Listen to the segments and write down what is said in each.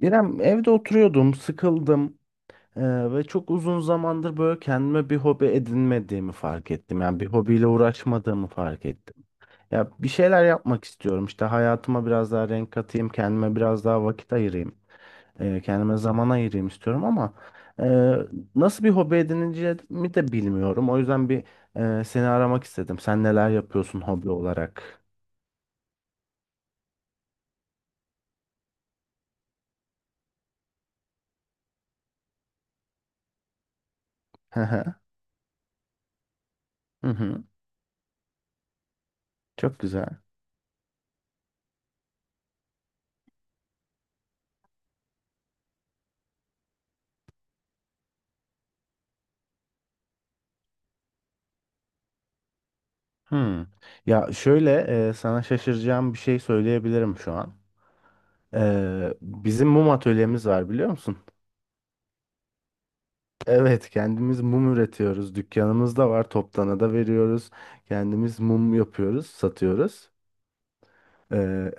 İrem, evde oturuyordum, sıkıldım ve çok uzun zamandır böyle kendime bir hobi edinmediğimi fark ettim. Yani bir hobiyle uğraşmadığımı fark ettim. Ya, bir şeyler yapmak istiyorum. İşte, hayatıma biraz daha renk katayım, kendime biraz daha vakit ayırayım, kendime zaman ayırayım istiyorum ama eee, nasıl bir hobi edineceğimi de bilmiyorum. O yüzden bir seni aramak istedim. Sen neler yapıyorsun hobi olarak? Hı hı. Hı hı. Çok güzel. Hmm. Ya şöyle, sana şaşıracağım bir şey söyleyebilirim şu an. Bizim mum atölyemiz var, biliyor musun? Evet, kendimiz mum üretiyoruz. Dükkanımız da var. Toptana da veriyoruz. Kendimiz mum yapıyoruz, satıyoruz. Ee,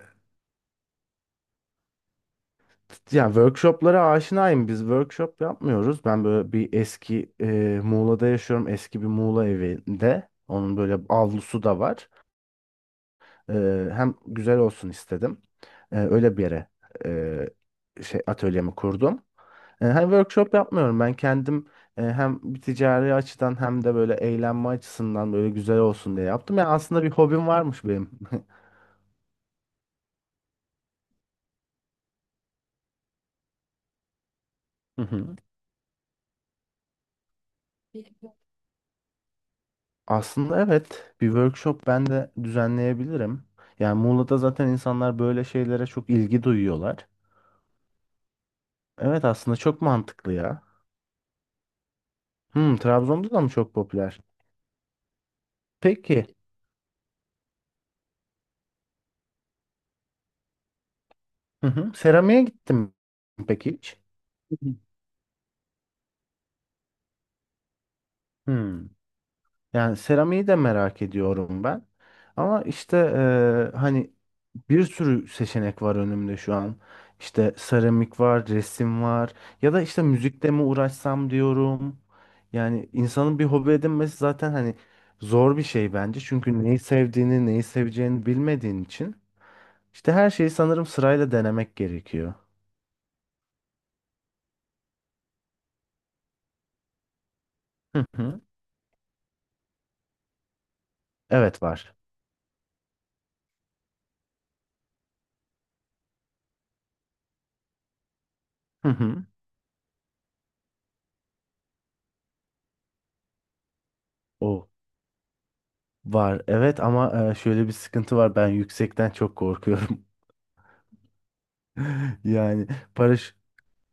yani workshoplara aşinayım. Biz workshop yapmıyoruz. Ben böyle bir eski, Muğla'da yaşıyorum. Eski bir Muğla evinde. Onun böyle avlusu da var. Hem güzel olsun istedim. Öyle bir yere atölyemi kurdum. Hem workshop yapmıyorum ben kendim, hem bir ticari açıdan hem de böyle eğlenme açısından böyle güzel olsun diye yaptım. Yani aslında bir hobim varmış benim. Hı hı. Aslında evet, bir workshop ben de düzenleyebilirim. Yani Muğla'da zaten insanlar böyle şeylere çok ilgi duyuyorlar. Evet, aslında çok mantıklı ya. Hmm, Trabzon'da da mı çok popüler? Peki. Hı hı. Seramiğe gittim peki hiç? Hı hı. Hmm. Yani seramiği de merak ediyorum ben. Ama işte, hani bir sürü seçenek var önümde şu an. İşte seramik var, resim var. Ya da işte müzikle mi uğraşsam diyorum. Yani insanın bir hobi edinmesi zaten hani zor bir şey bence. Çünkü neyi sevdiğini, neyi seveceğini bilmediğin için. İşte her şeyi sanırım sırayla denemek gerekiyor. Hı hı. Evet var. Hı hı. Var evet, ama şöyle bir sıkıntı var, ben yüksekten çok korkuyorum. Yani paraş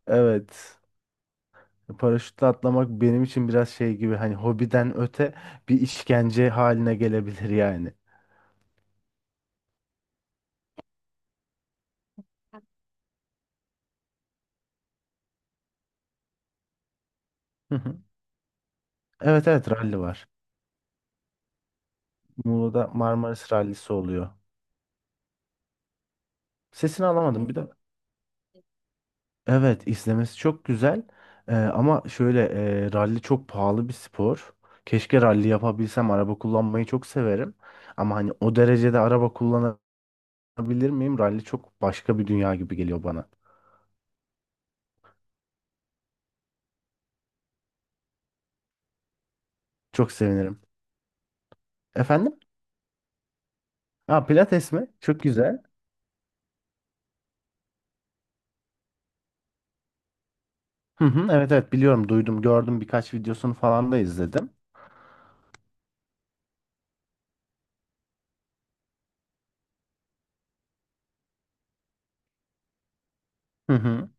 evet, paraşütle atlamak benim için biraz şey gibi, hani hobiden öte bir işkence haline gelebilir yani. Hı hı. Evet evet, ralli var. Muğla'da Marmaris rallisi oluyor. Sesini alamadım bir de. Evet, izlemesi çok güzel. Ama şöyle, ralli çok pahalı bir spor. Keşke ralli yapabilsem, araba kullanmayı çok severim. Ama hani o derecede araba kullanabilirim. Bilir miyim? Rally çok başka bir dünya gibi geliyor bana. Çok sevinirim. Efendim? Ha, Pilates mi? Çok güzel. Hı hı, evet evet, biliyorum, duydum, gördüm, birkaç videosunu falan da izledim. Hı hı.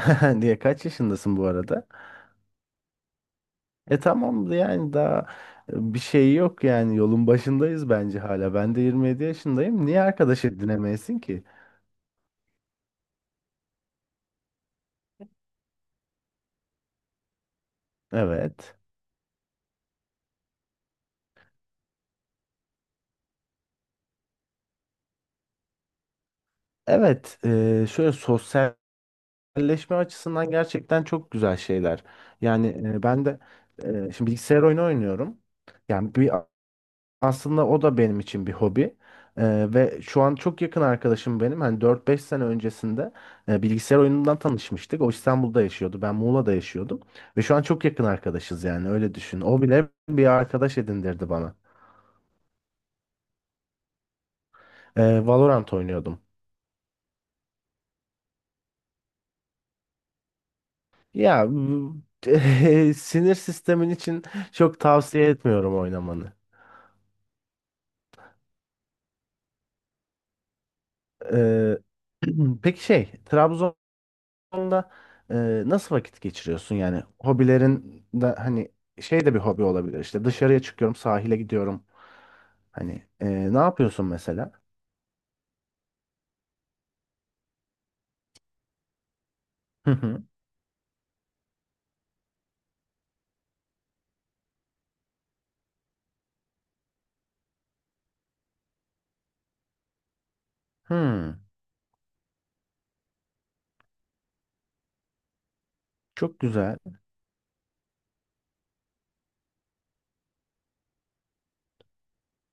Diye kaç yaşındasın bu arada? Tamam, yani daha bir şey yok yani, yolun başındayız bence hala. Ben de 27 yaşındayım. Niye arkadaş edinemeyesin ki? Evet. Evet, şöyle sosyalleşme açısından gerçekten çok güzel şeyler. Yani ben de şimdi bilgisayar oyunu oynuyorum. Yani bir, aslında o da benim için bir hobi. Ve şu an çok yakın arkadaşım benim. Hani dört beş sene öncesinde bilgisayar oyunundan tanışmıştık. O İstanbul'da yaşıyordu. Ben Muğla'da yaşıyordum. Ve şu an çok yakın arkadaşız, yani öyle düşün. O bile bir arkadaş edindirdi bana. Valorant oynuyordum. Ya sinir sistemin için çok tavsiye etmiyorum oynamanı. Ee, peki şey, Trabzon'da nasıl vakit geçiriyorsun yani? Hobilerin de, hani şey de bir hobi olabilir, işte dışarıya çıkıyorum, sahile gidiyorum. Hani, ne yapıyorsun mesela? Hı hı. Hmm, çok güzel.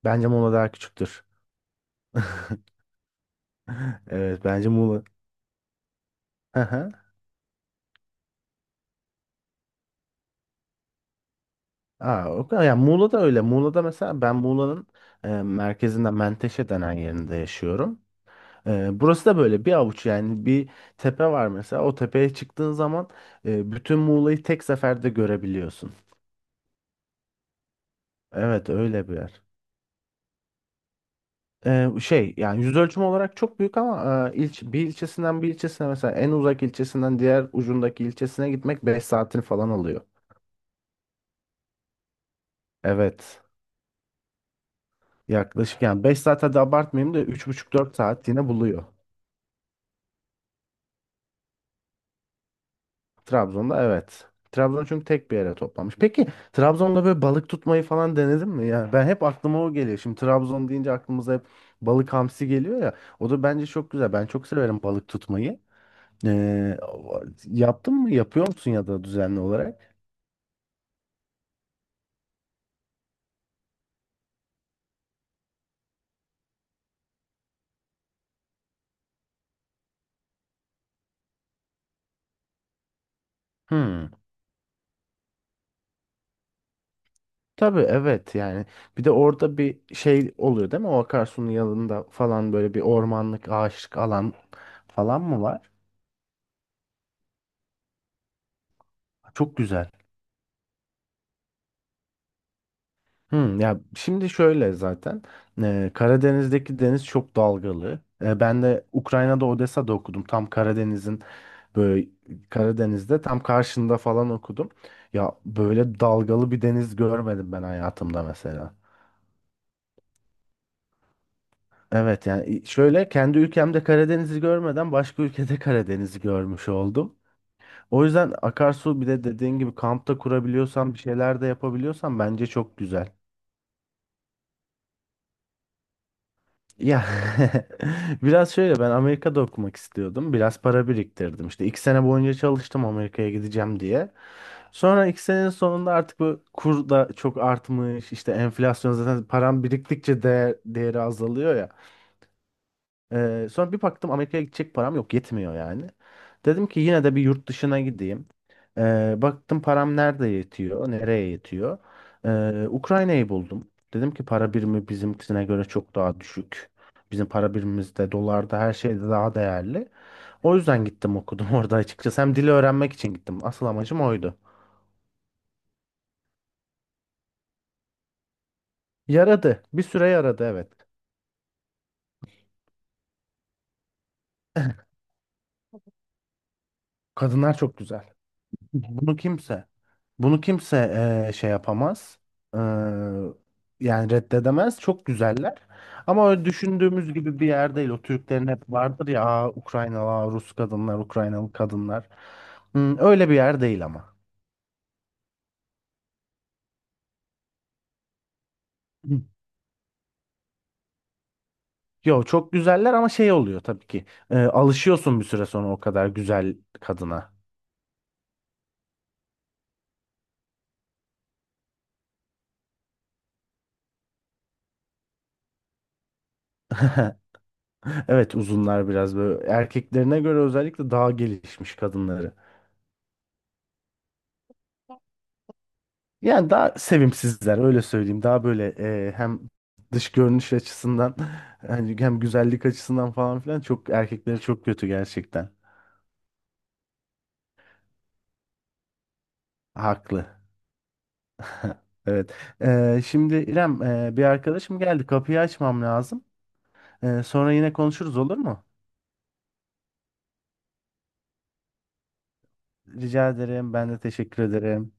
Bence Muğla daha küçüktür. Evet, bence Muğla. Hı hı. Aa, o kadar. Yani Muğla da öyle. Muğla'da mesela ben, Muğla'nın merkezinden Menteşe denen yerinde yaşıyorum. Burası da böyle bir avuç, yani bir tepe var mesela, o tepeye çıktığın zaman bütün Muğla'yı tek seferde görebiliyorsun. Evet, öyle bir yer. Şey yani yüz ölçümü olarak çok büyük ama bir ilçesinden bir ilçesine, mesela en uzak ilçesinden diğer ucundaki ilçesine gitmek 5 saatini falan alıyor. Evet, yaklaşık yani 5 saat, hadi abartmayayım da 3,5 4 saat yine buluyor. Trabzon'da evet. Trabzon çünkü tek bir yere toplamış. Peki Trabzon'da böyle balık tutmayı falan denedin mi? Yani ben, hep aklıma o geliyor. Şimdi Trabzon deyince aklımıza hep balık, hamsi geliyor ya. O da bence çok güzel. Ben çok severim balık tutmayı. Ee, yaptın mı? Yapıyor musun ya da düzenli olarak? Hmm. Tabii, evet yani. Bir de orada bir şey oluyor değil mi? O akarsunun yanında falan böyle bir ormanlık, ağaçlık alan falan mı var? Çok güzel. Hmm, ya şimdi şöyle, zaten Karadeniz'deki deniz çok dalgalı. Ben de Ukrayna'da, Odessa'da okudum. Tam Karadeniz'in böyle, Karadeniz'de tam karşında falan okudum. Ya böyle dalgalı bir deniz görmedim ben hayatımda mesela. Evet, yani şöyle, kendi ülkemde Karadeniz'i görmeden başka ülkede Karadeniz'i görmüş oldum. O yüzden akarsu, bir de dediğin gibi kampta kurabiliyorsan, bir şeyler de yapabiliyorsan bence çok güzel. Ya biraz şöyle, ben Amerika'da okumak istiyordum. Biraz para biriktirdim. İşte 2 sene boyunca çalıştım, Amerika'ya gideceğim diye. Sonra 2 senenin sonunda artık bu kur da çok artmış. İşte enflasyon, zaten param biriktikçe değer, değeri azalıyor ya. Sonra bir baktım Amerika'ya gidecek param yok, yetmiyor yani. Dedim ki, yine de bir yurt dışına gideyim. Baktım param nerede yetiyor, nereye yetiyor. Ukrayna'yı buldum. Dedim ki para birimi bizimkisine göre çok daha düşük. Bizim para birimimizde, dolarda, her şeyde daha değerli. O yüzden gittim okudum orada, açıkçası. Hem dili öğrenmek için gittim. Asıl amacım oydu. Yaradı. Bir süre yaradı, evet. Kadınlar çok güzel. Bunu kimse. Bunu kimse, şey yapamaz. Eee, yani reddedemez. Çok güzeller. Ama öyle düşündüğümüz gibi bir yer değil. O Türklerin hep vardır ya, "Aa, Ukraynalı, aa, Rus kadınlar, Ukraynalı kadınlar." Hmm, öyle bir yer değil ama. Hı. Yo, çok güzeller, ama şey oluyor tabii ki. Alışıyorsun bir süre sonra o kadar güzel kadına. Evet, uzunlar biraz böyle. Erkeklerine göre özellikle daha gelişmiş kadınları. Yani daha sevimsizler, öyle söyleyeyim. Daha böyle, hem dış görünüş açısından hani, hem güzellik açısından falan filan çok, erkekleri çok kötü gerçekten. Haklı. Evet. Şimdi İrem, bir arkadaşım geldi. Kapıyı açmam lazım. Sonra yine konuşuruz, olur mu? Rica ederim. Ben de teşekkür ederim.